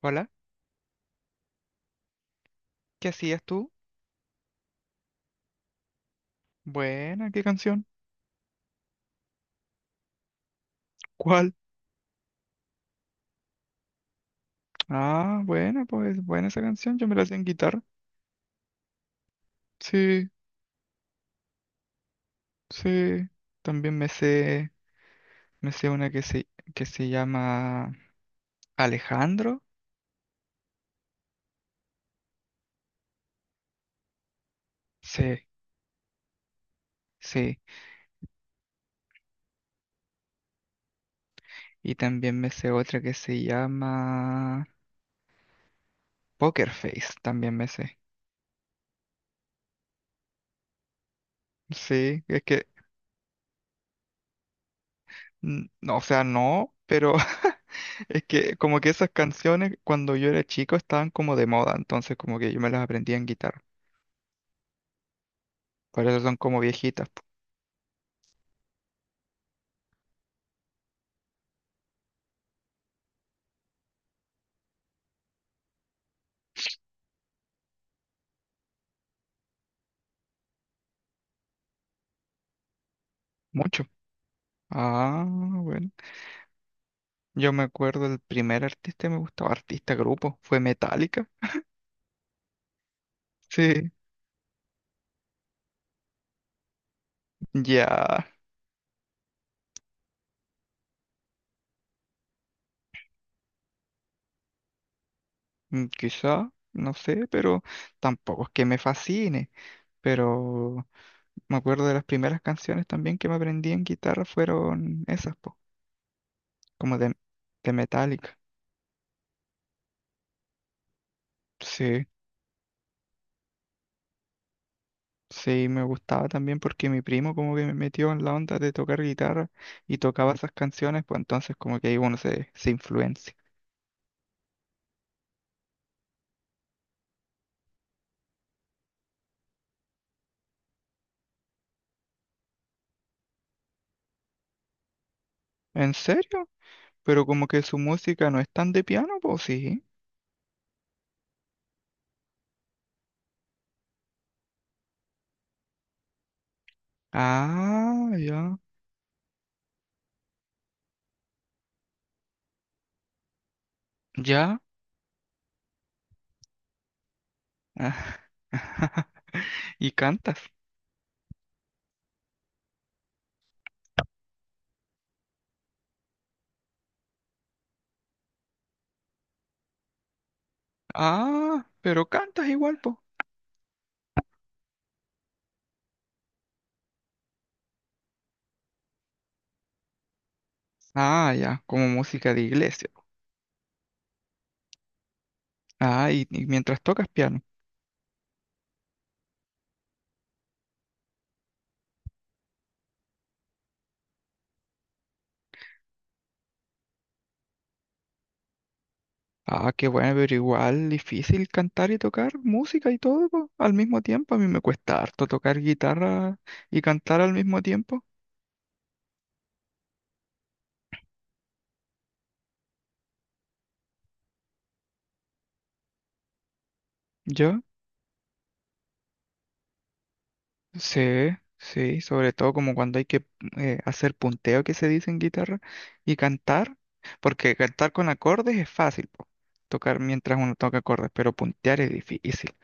Hola, ¿qué hacías tú? Buena, ¿qué canción? ¿Cuál? Ah, buena, pues buena esa canción, yo me la hacía en guitarra. Sí, sí. También me sé una que se llama Alejandro. Sí, sí. Y también me sé otra que se llama Poker Face, también me sé. Sí, es que, no, o sea, no, pero es que como que esas canciones cuando yo era chico estaban como de moda, entonces como que yo me las aprendía en guitarra. Por eso son como viejitas. Po. Mucho. Ah, bueno. Yo me acuerdo el primer artista que me gustaba, artista grupo, fue Metallica. Sí, ya, quizá, no sé, pero tampoco es que me fascine. Pero me acuerdo de las primeras canciones también que me aprendí en guitarra fueron esas, po, como de Metallica. Sí, sí, me gustaba también porque mi primo como que me metió en la onda de tocar guitarra y tocaba esas canciones, pues entonces como que ahí uno se influencia. ¿En serio? Pero como que su música no es tan de piano, pues sí. Ah, ya. Ya. Ah, Y cantas. Ah, pero cantas igual, pues. Ah, ya, como música de iglesia. Ah, y mientras tocas piano. Ah, qué bueno, pero igual difícil cantar y tocar música y todo, po, al mismo tiempo. A mí me cuesta harto tocar guitarra y cantar al mismo tiempo. ¿Ya? Sí, sí, sobre todo como cuando hay que hacer punteo que se dice en guitarra y cantar, porque cantar con acordes es fácil, po, tocar mientras uno toca acordes, pero puntear es difícil.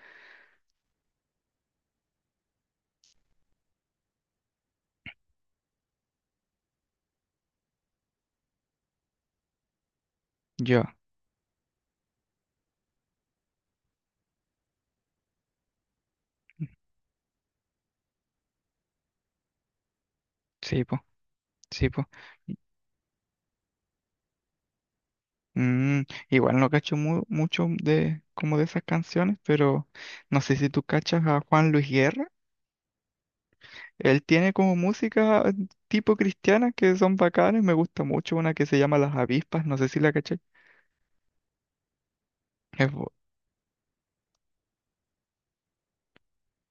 Yo, sí, po, sí, po. Mm, Igual no cacho mucho de como de esas canciones, pero no sé si tú cachas a Juan Luis Guerra. Él tiene como música tipo cristiana que son bacanas, me gusta mucho una que se llama Las Avispas, no sé si la caché.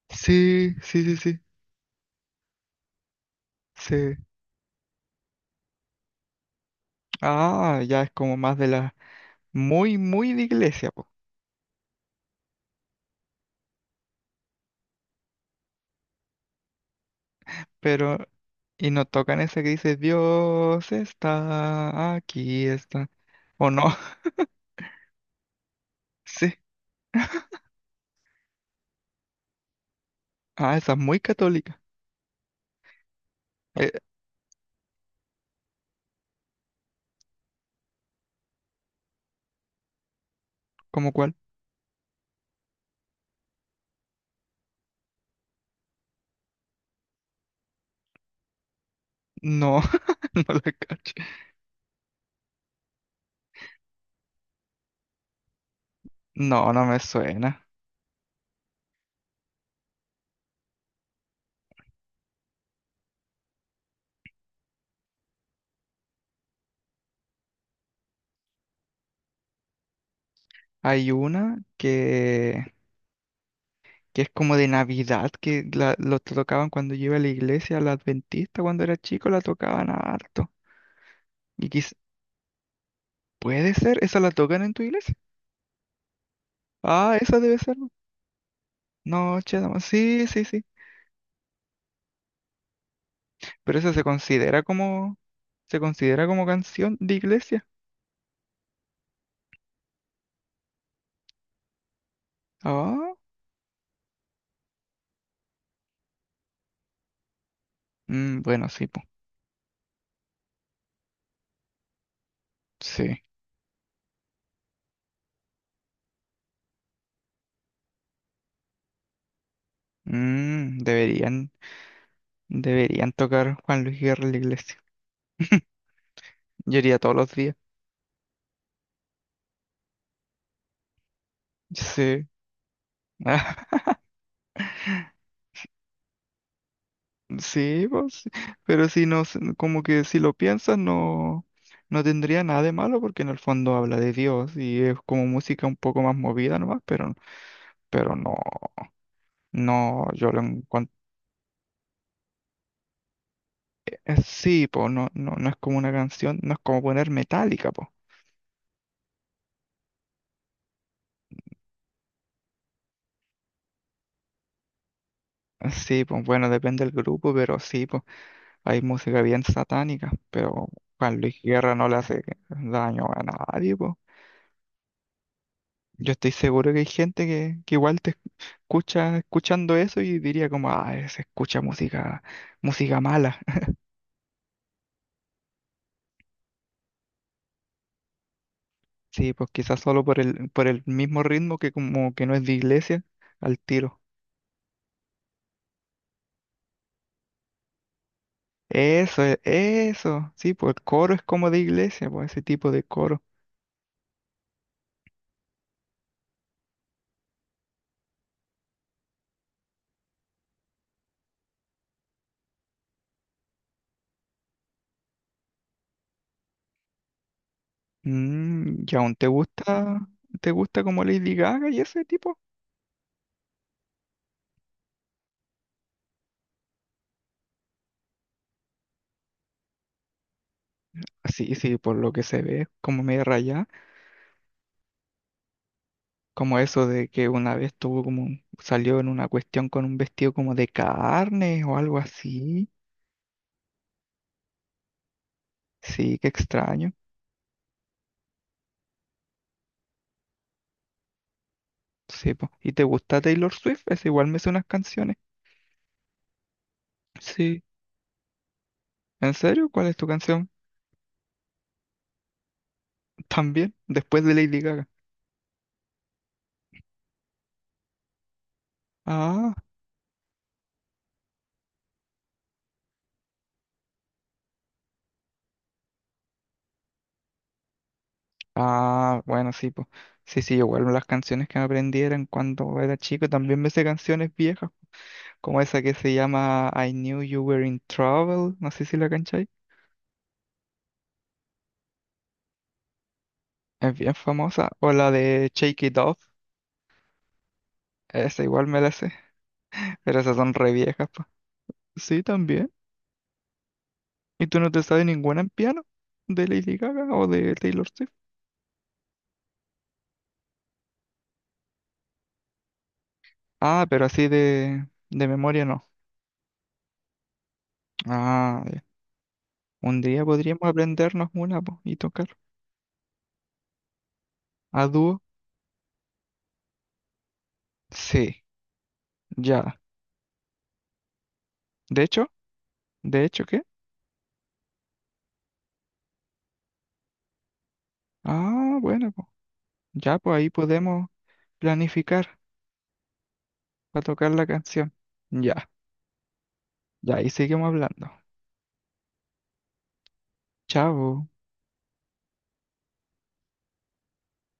Sí, sí, sí, sí, sí. Ah, ya es como más de la muy, muy de iglesia, po. Pero, y no tocan esa que dice, Dios está, aquí está. ¿O no? Sí. Ah, esa es muy católica. Eh, ¿Cómo cuál? No, no la cacho. No, no me suena. Hay una que es como de Navidad, que la, lo tocaban cuando yo iba a la iglesia, la adventista, cuando era chico la tocaban harto. Y quiz- ¿Puede ser? ¿Esa la tocan en tu iglesia? Ah, esa debe ser. Noche de amor. Sí, sí, sí. Pero esa se considera como canción de iglesia. Ah, mm, bueno, sí, po. Sí. Mm, deberían, deberían tocar Juan Luis Guerra en la iglesia. Yo iría todos los días. Sí. Sí, pues, sí. Pero si no, como que si lo piensas, no, no tendría nada de malo porque en el fondo habla de Dios y es como música un poco más movida nomás, pero no, no, yo lo encuentro. Sí, po, no, no, no es como una canción, no es como poner metálica, po. Sí, pues bueno, depende del grupo, pero sí, pues hay música bien satánica, pero Juan Luis Guerra no le hace daño a nadie, pues. Yo estoy seguro que hay gente que igual te escucha escuchando eso y diría como, ah, se escucha música, música mala. Sí, pues quizás solo por el, mismo ritmo que como que no es de iglesia, al tiro. Eso, sí, pues el coro es como de iglesia, pues ese tipo de coro. ¿Y aún te gusta como Lady Gaga y ese tipo? Sí, sí, por lo que se ve, como medio rayada, como eso de que una vez tuvo como, salió en una cuestión con un vestido como de carne o algo así. Sí, qué extraño. Sí, po. ¿Y te gusta Taylor Swift? Es igual me sé unas canciones. Sí. ¿En serio? ¿Cuál es tu canción? También, después de Lady Gaga. Ah, ah, bueno, sí, pues. Sí, sí, igual las canciones que me aprendí eran cuando era chico, también me sé canciones viejas, como esa que se llama I Knew You Were in Trouble, no sé si la cancháis, es bien famosa, o la de Shake It Off, esa igual me la sé, pero esas son re viejas, po. Sí, también. ¿Y tú no te sabes ninguna en piano? ¿De Lady Gaga o de Taylor Swift? Ah, pero así de memoria no. Ah, ya. Un día podríamos aprendernos una, po, y tocar a dúo. Sí, ya. De hecho, de hecho, ¿qué? Ah, bueno, po. Ya, pues ahí podemos planificar para tocar la canción. Ya. Ya ahí seguimos hablando. Chao.